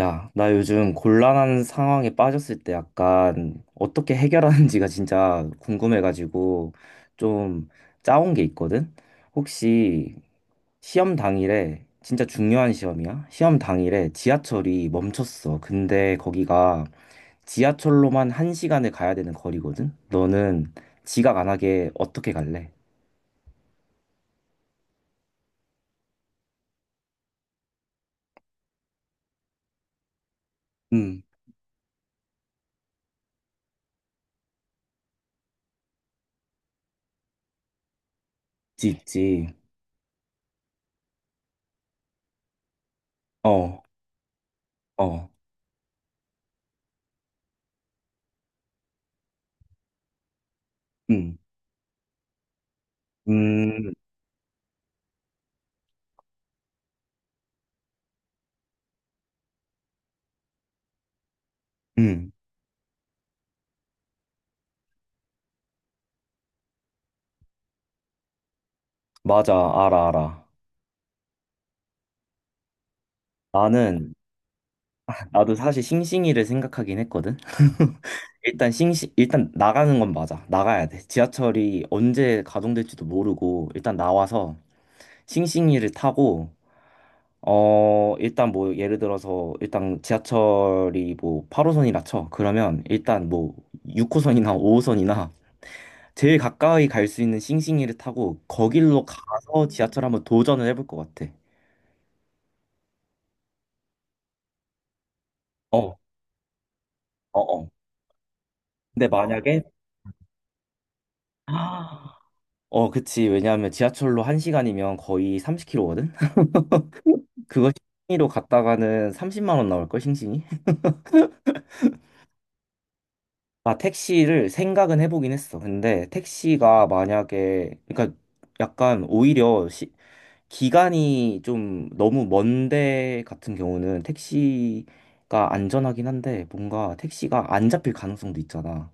야, 나 요즘 곤란한 상황에 빠졌을 때 약간 어떻게 해결하는지가 진짜 궁금해가지고 좀 짜온 게 있거든? 혹시 시험 당일에, 진짜 중요한 시험이야? 시험 당일에 지하철이 멈췄어. 근데 거기가 지하철로만 한 시간을 가야 되는 거리거든? 너는 지각 안 하게 어떻게 갈래? 음, 있지, 있지. 어, 어, 음, 음, 음. 맞아, 알아, 알아. 나는 나도 사실 싱싱이를 생각하긴 했거든. 일단 나가는 건 맞아. 나가야 돼. 지하철이 언제 가동될지도 모르고 일단 나와서 싱싱이를 타고 어 일단 뭐 예를 들어서 일단 지하철이 뭐 8호선이라 쳐. 그러면 일단 뭐 6호선이나 5호선이나 제일 가까이 갈 수 있는 싱싱이를 타고 거길로 가서 지하철 한번 도전을 해볼 것 같아. 어, 어, 어. 근데 만약에 어, 그치. 왜냐하면 지하철로 1시간이면 거의 30km거든? 그거 싱싱이로 갔다가는 30만 원 나올걸, 싱싱이? 아, 택시를 생각은 해보긴 했어. 근데 택시가 만약에, 그러니까 약간 오히려 시, 기간이 좀 너무 먼데 같은 경우는 택시가 안전하긴 한데 뭔가 택시가 안 잡힐 가능성도 있잖아.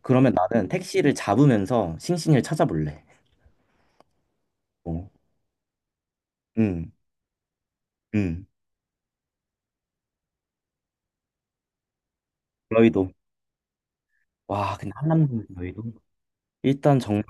그러면 나는 택시를 잡으면서 싱싱이를 찾아볼래. 어. 응, 응. 너희도. 와, 근데 한남동 너희도. 일단 정말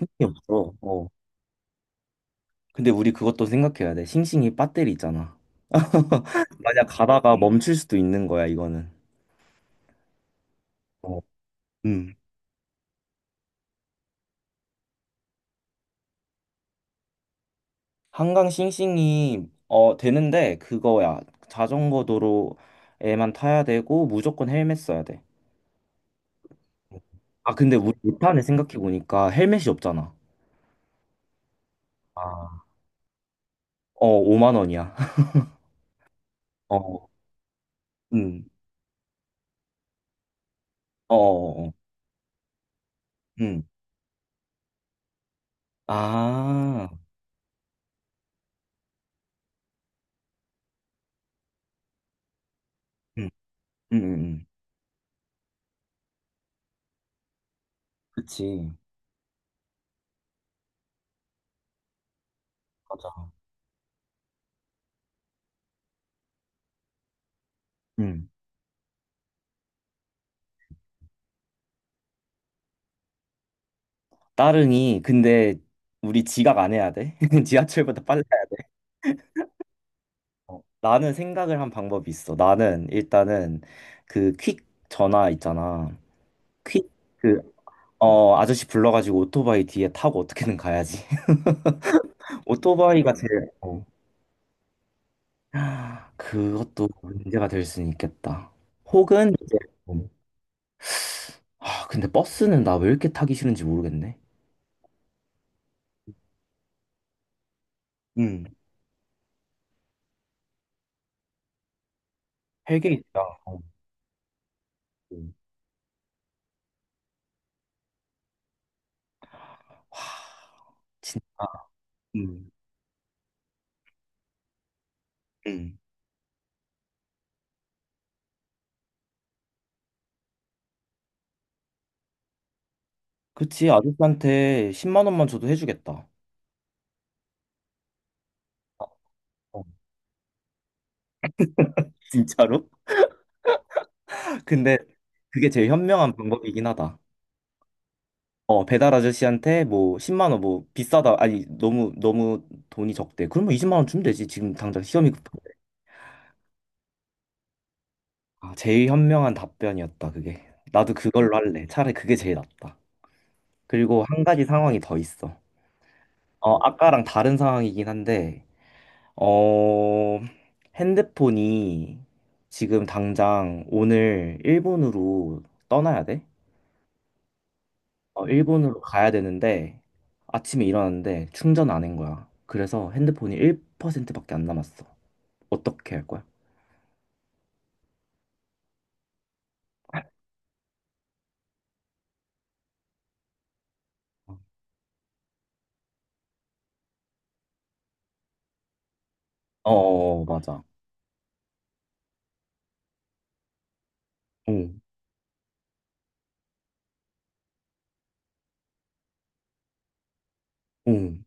이게 없어. 어. 근데 우리 그것도 생각해야 돼. 싱싱이 배터리 있잖아. 만약 가다가 멈출 수도 있는 거야, 이거는. 어. 음. 한강 싱싱이 어 되는데 그거야. 자전거 도로에만 타야 되고 무조건 헬멧 써야 돼. 아, 근데 우리 못하네 생각해 보니까 헬멧이 없잖아. 아, 어, 5만 원이야. 어, 음. 어, 어, 어. 음. 아. 음. 음. 음. 음. 그치. 맞아. 음. 따릉이 근데 우리 지각 안 해야 돼. 지하철보다 빨라야 돼. 어. 나는 생각을 한 방법이 있어. 나는 일단은 그 퀵 전화 있잖아. 퀵 그 어 아저씨 불러가지고 오토바이 뒤에 타고 어떻게든 가야지. 오토바이가 제일 어. 하, 그것도 문제가 될 수는 있겠다. 혹은 이제 음. 아 근데 버스는 나 왜 이렇게 타기 싫은지 모르겠네. 음. 헬게 있다. 와 진짜. 음. 음. 그치, 아저씨한테 10만 원만 줘도 해주겠다. 어, 진짜로? 근데 그게 제일 현명한 방법이긴 하다. 어, 배달 아저씨한테 뭐 10만 원 뭐 비싸다. 아니, 너무 너무 돈이 적대. 그러면 20만 원 주면 되지. 지금 당장 시험이 급한데. 아, 제일 현명한 답변이었다, 그게. 나도 그걸로 할래. 차라리 그게 제일 낫다. 그리고 한 가지 상황이 더 있어. 어, 아까랑 다른 상황이긴 한데 어, 핸드폰이 지금 당장 오늘 일본으로 떠나야 돼? 어, 일본으로 가야 되는데 아침에 일어났는데 충전 안 한 거야. 그래서 핸드폰이 1%밖에 안 남았어. 어떻게 할 거야? 어, 어, 맞아. 응, 응,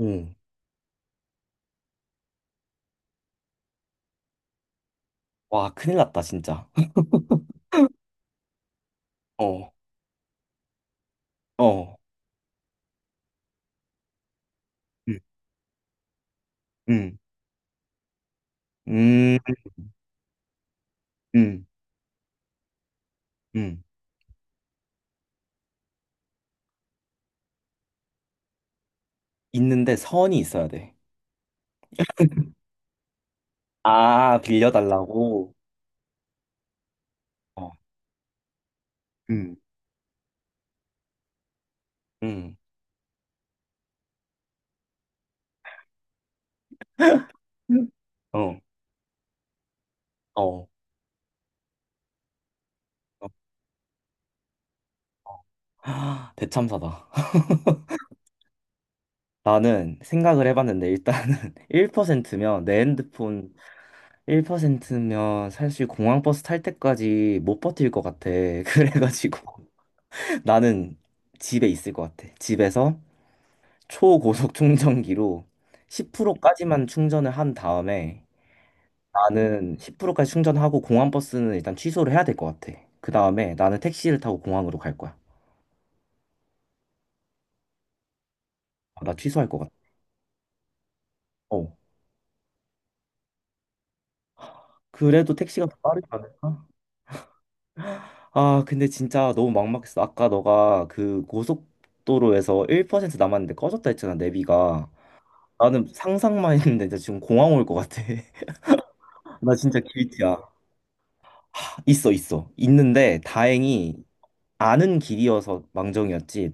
응. 와, 큰일 났다, 진짜. 어, 어, 응, 응, 음, 응, 응. 있는데 선이 있어야 돼. 아, 빌려달라고? 어, 응, 응. 음. 어, 어. 어. 아, 대참사다. 나는 생각을 해봤는데 일단은 1%면 내 핸드폰 1%면 사실 공항버스 탈 때까지 못 버틸 것 같아. 그래가지고 나는 집에 있을 것 같아. 집에서 초고속 충전기로 10%까지만 충전을 한 다음에 나는 10%까지 충전하고 공항버스는 일단 취소를 해야 될 것 같아. 그 다음에 나는 택시를 타고 공항으로 갈 거야. 아, 나 취소할 것 같아. 어. 그래도 택시가 더 빠르지 않을까? 아, 근데 진짜 너무 막막했어. 아까 너가 그 고속도로에서 1% 남았는데 꺼졌다 했잖아, 내비가. 나는 상상만 했는데 진짜 지금 공항 올 것 같아. 나 진짜 길티야. 있어, 있어. 있는데 다행히 아는 길이어서 망정이었지.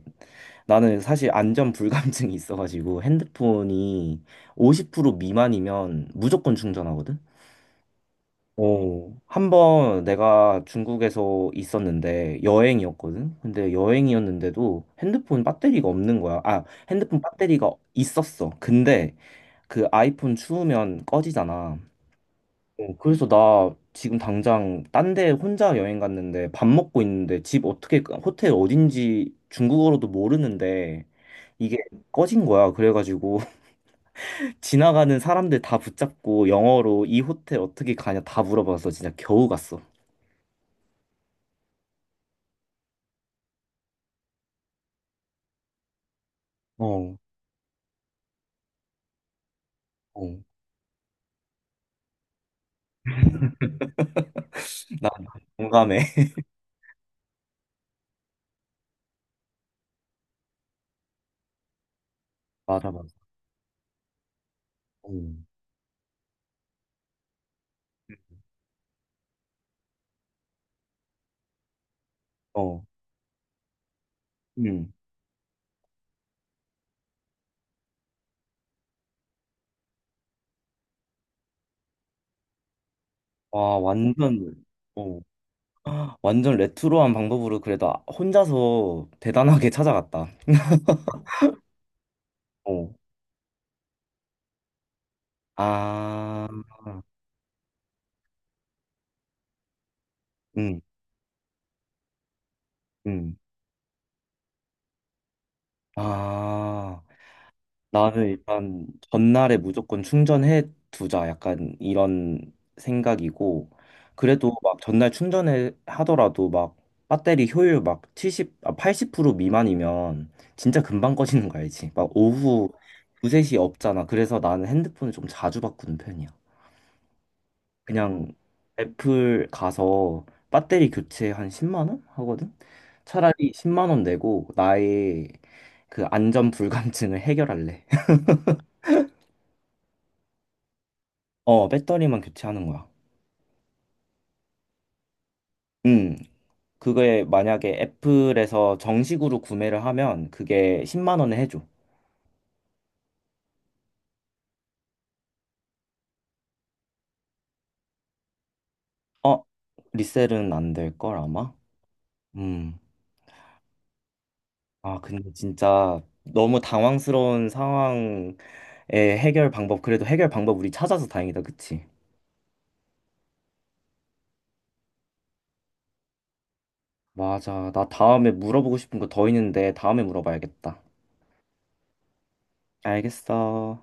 나는 사실 안전 불감증이 있어가지고 핸드폰이 50% 미만이면 무조건 충전하거든? 어, 한번 내가 중국에서 있었는데 여행이었거든? 근데 여행이었는데도 핸드폰 배터리가 없는 거야. 아, 핸드폰 배터리가 있었어. 근데 그 아이폰 추우면 꺼지잖아. 어, 그래서 나 지금 당장 딴데 혼자 여행 갔는데 밥 먹고 있는데 집 어떻게, 호텔 어딘지 중국어로도 모르는데 이게 꺼진 거야. 그래가지고 지나가는 사람들 다 붙잡고 영어로 이 호텔 어떻게 가냐 다 물어봐서 진짜 겨우 갔어. 어, 어. 나 공감해. 맞아, 맞아. 어, 어, 음. 와, 완전, 어, 완전 레트로한 방법으로 그래도 아- 혼자서 대단하게 찾아갔다. 어, 아, 음, 음, 아. 나는 일단 전날에 무조건 충전해 두자 약간 이런 생각이고 그래도 막 전날 충전해 하더라도 막 배터리 효율 막 70, 아, 80% 미만이면 진짜 금방 꺼지는 거 알지? 막 오후 2, 3시 없잖아. 그래서 나는 핸드폰을 좀 자주 바꾸는 편이야. 그냥 애플 가서 배터리 교체 한 10만 원 하거든? 차라리 10만 원 내고 나의 그 안전 불감증을 해결할래. 어, 배터리만 교체하는 거야. 음, 그게 만약에 애플에서 정식으로 구매를 하면 그게 10만 원에 해줘. 어, 리셀은 안 될 걸 아마? 음. 아, 근데 진짜 너무 당황스러운 상황의 해결 방법, 그래도 해결 방법 우리 찾아서 다행이다, 그치? 맞아. 나 다음에 물어보고 싶은 거 더 있는데 다음에 물어봐야겠다. 알겠어.